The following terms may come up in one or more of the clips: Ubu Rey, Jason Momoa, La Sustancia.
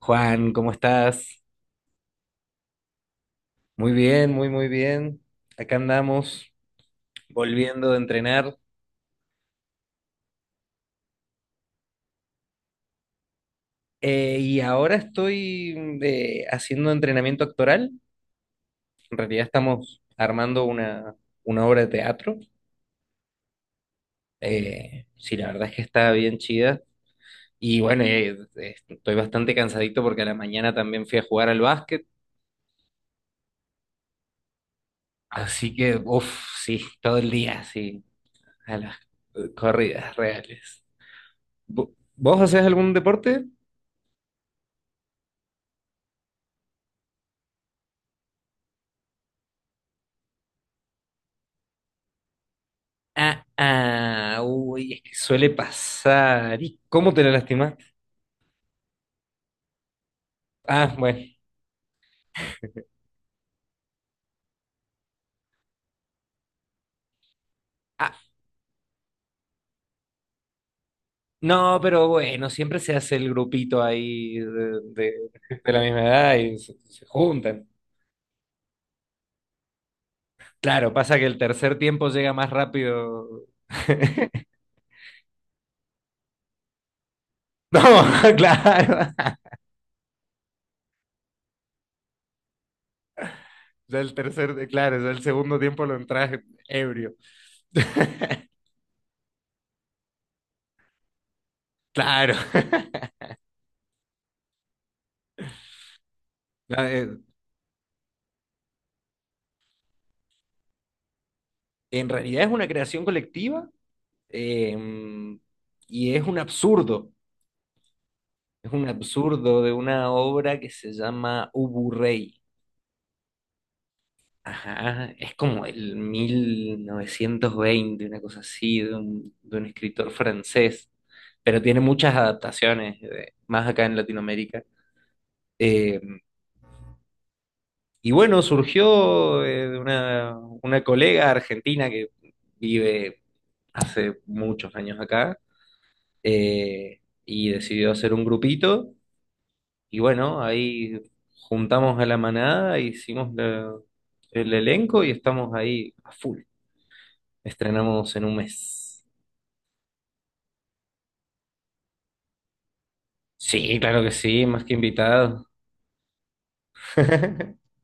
Juan, ¿cómo estás? Muy bien, muy, muy bien. Acá andamos volviendo de entrenar. Y ahora estoy haciendo entrenamiento actoral. En realidad estamos armando una obra de teatro. Sí, la verdad es que está bien chida. Y bueno, estoy bastante cansadito porque a la mañana también fui a jugar al básquet. Así que, uff, sí, todo el día, sí, a las corridas reales. ¿Vos hacés algún deporte? Ah, ah, uy, es que suele pasar. ¿Y cómo te la lastimaste? Ah, bueno. Ah, no, pero bueno, siempre se hace el grupito ahí de la misma edad y se juntan. Claro, pasa que el tercer tiempo llega más rápido. No, claro. Ya el tercer, claro, ya el segundo tiempo lo entras ebrio. Claro. No, En realidad es una creación colectiva, eh, y es un absurdo. Es un absurdo de una obra que se llama Ubu Rey. Ajá, es como el 1920, una cosa así, de de un escritor francés, pero tiene muchas adaptaciones, más acá en Latinoamérica. Eh, y bueno, surgió de una colega argentina que vive hace muchos años acá, eh, y decidió hacer un grupito. Y bueno, ahí juntamos a la manada, el elenco y estamos ahí a full. Estrenamos en un mes. Sí, claro que sí, más que invitado.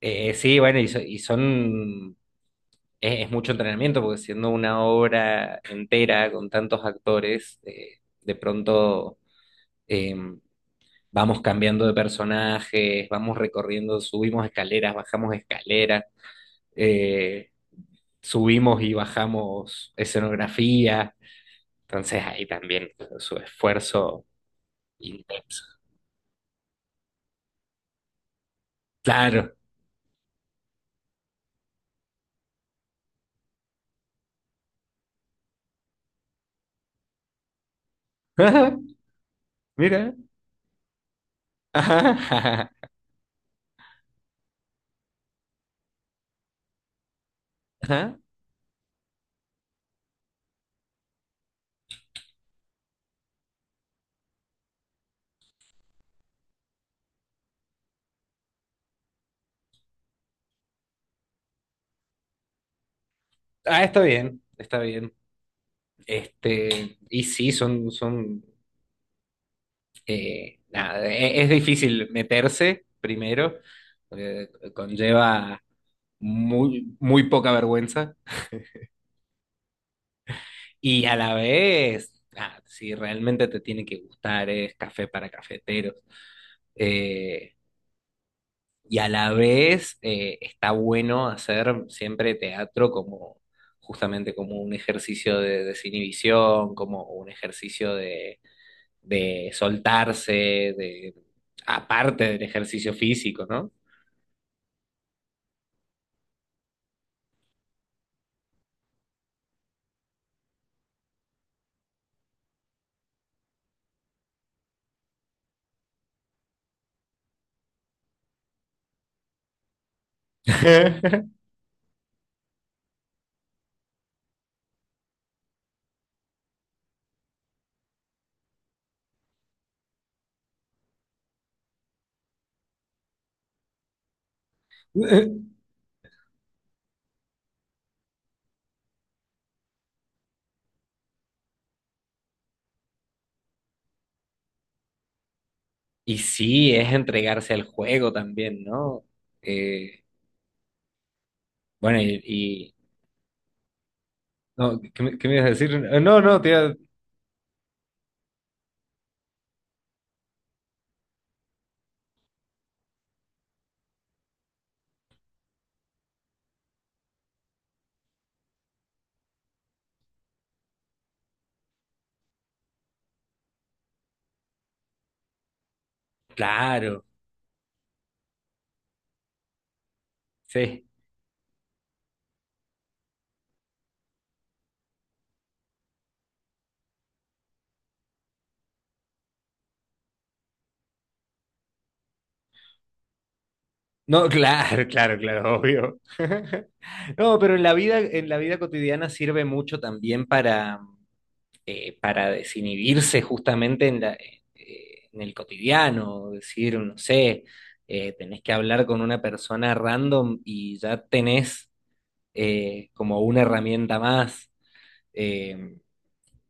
Sí, bueno, y son... es mucho entrenamiento porque siendo una obra entera con tantos actores, de pronto eh, vamos cambiando de personajes, vamos recorriendo, subimos escaleras, bajamos escaleras, eh, subimos y bajamos escenografía, entonces ahí también su esfuerzo intenso. Claro. Mira. Ajá, ajá. Ajá. Ah, está bien, está bien. Este, y sí, son, nada, es difícil meterse primero, porque conlleva muy, muy poca vergüenza. Y a la vez, ah, si realmente te tiene que gustar, es café para cafeteros. Eh, Y a la vez, está bueno hacer siempre teatro como justamente como un ejercicio de desinhibición, como un ejercicio de soltarse, de, aparte del ejercicio físico, ¿no? Y sí, es entregarse al juego también, ¿no? Eh, bueno, no, qué me ibas a decir? No, no, te iba... Claro, sí. No, claro, claro, claro, obvio. No, pero en la vida cotidiana sirve mucho también para desinhibirse justamente en en el cotidiano, decir, no sé, tenés que hablar con una persona random y ya tenés como una herramienta más, eh,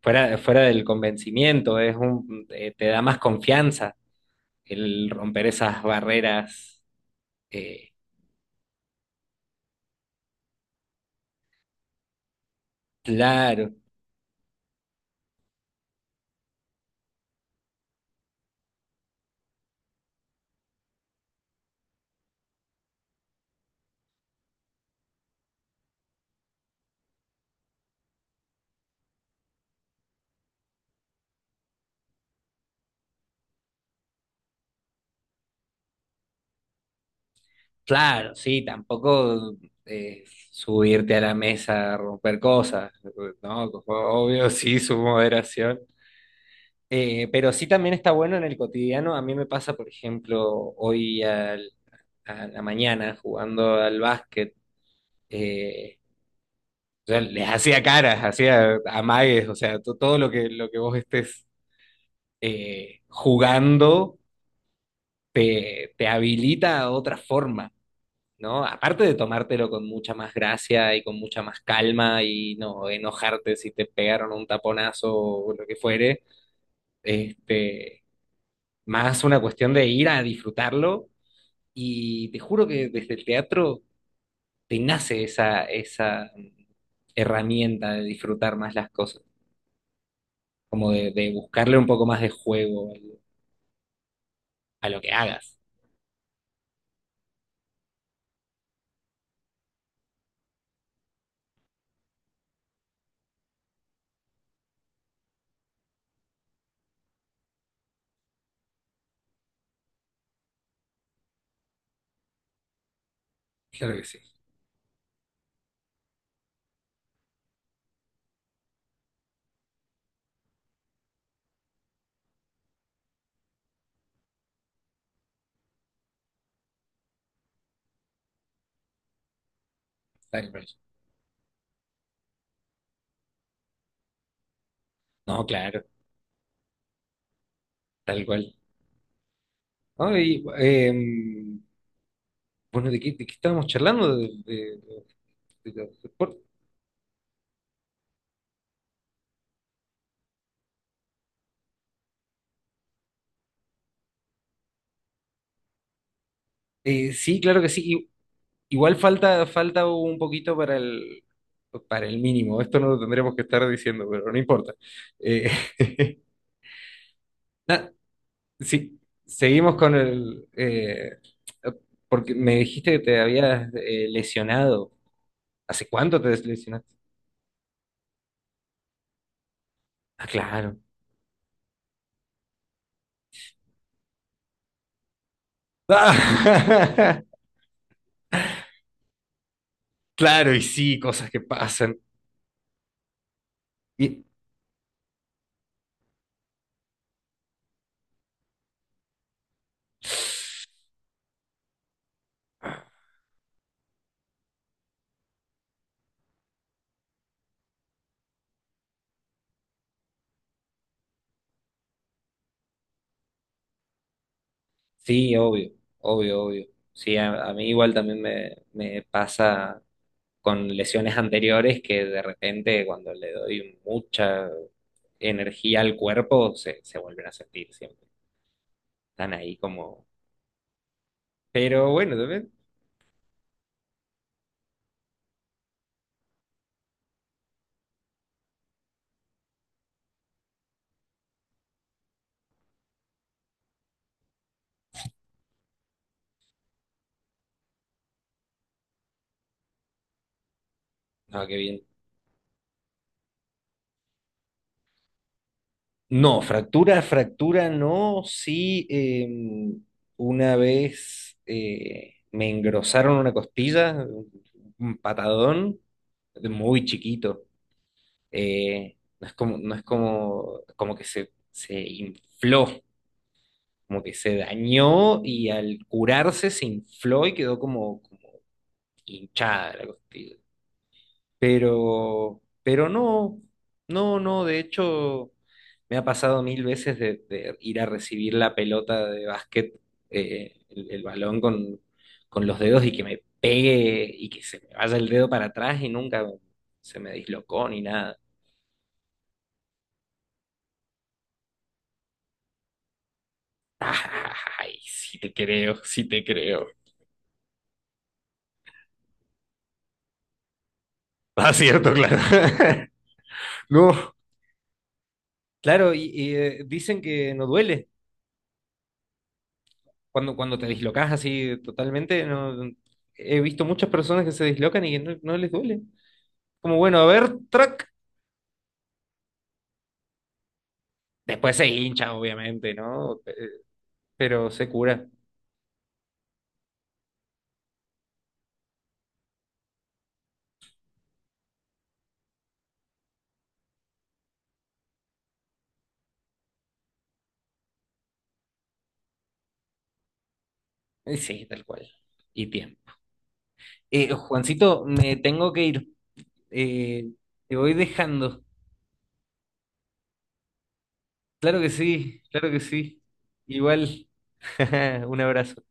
fuera del convencimiento, es un, te da más confianza el romper esas barreras. eh, Claro. Claro, sí, tampoco eh, subirte a la mesa a romper cosas, ¿no? Como... Obvio, sí, su moderación. Pero sí también está bueno en el cotidiano. A mí me pasa, por ejemplo, a la mañana jugando al básquet, eh, yo les hacía caras, hacía amagues, o sea, todo lo que vos estés jugando te habilita a otra forma. ¿No? Aparte de tomártelo con mucha más gracia y con mucha más calma y no enojarte si te pegaron un taponazo o lo que fuere, este, más una cuestión de ir a disfrutarlo, y te juro que desde el teatro te nace esa herramienta de disfrutar más las cosas, como de buscarle un poco más de juego a lo que hagas. Claro que sí, tal cual. No, claro, tal cual. Ay, bueno, de qué estábamos charlando? De- de- de- por- sí, claro que sí. I- Igual falta un poquito para para el mínimo. Esto no lo tendremos que estar diciendo, pero no importa. Eh, na- sí, seguimos con el... porque me dijiste que te habías lesionado. ¿Hace cuánto te lesionaste? Ah, claro. Claro, y sí, cosas que pasan. Y... Sí, obvio, obvio, obvio. Sí, a mí igual también me pasa con lesiones anteriores que de repente cuando le doy mucha energía al cuerpo se vuelven a sentir siempre. Están ahí como... Pero bueno, también... No, qué bien. No, fractura, fractura no. Sí, una vez me engrosaron una costilla, un patadón, muy chiquito. Eh, no es como, no es como, como que se infló, como que se dañó y al curarse se infló y quedó como, como hinchada la costilla. Pero no, no, no, de hecho me ha pasado mil veces de ir a recibir la pelota de básquet, el balón con los dedos y que me pegue y que se me vaya el dedo para atrás y nunca se me dislocó ni nada. Ay, sí te creo, sí te creo. Ah, cierto, claro. No. Claro, y, dicen que no duele cuando, cuando te dislocas así totalmente. No, he visto muchas personas que se dislocan y que no, no les duele. Como bueno, a ver, track. Después se hincha, obviamente, ¿no? Pe- Pero se cura. Sí, tal cual. Y bien. Juancito, me tengo que ir. Eh, te voy dejando. Claro que sí, claro que sí. Igual. Un abrazo.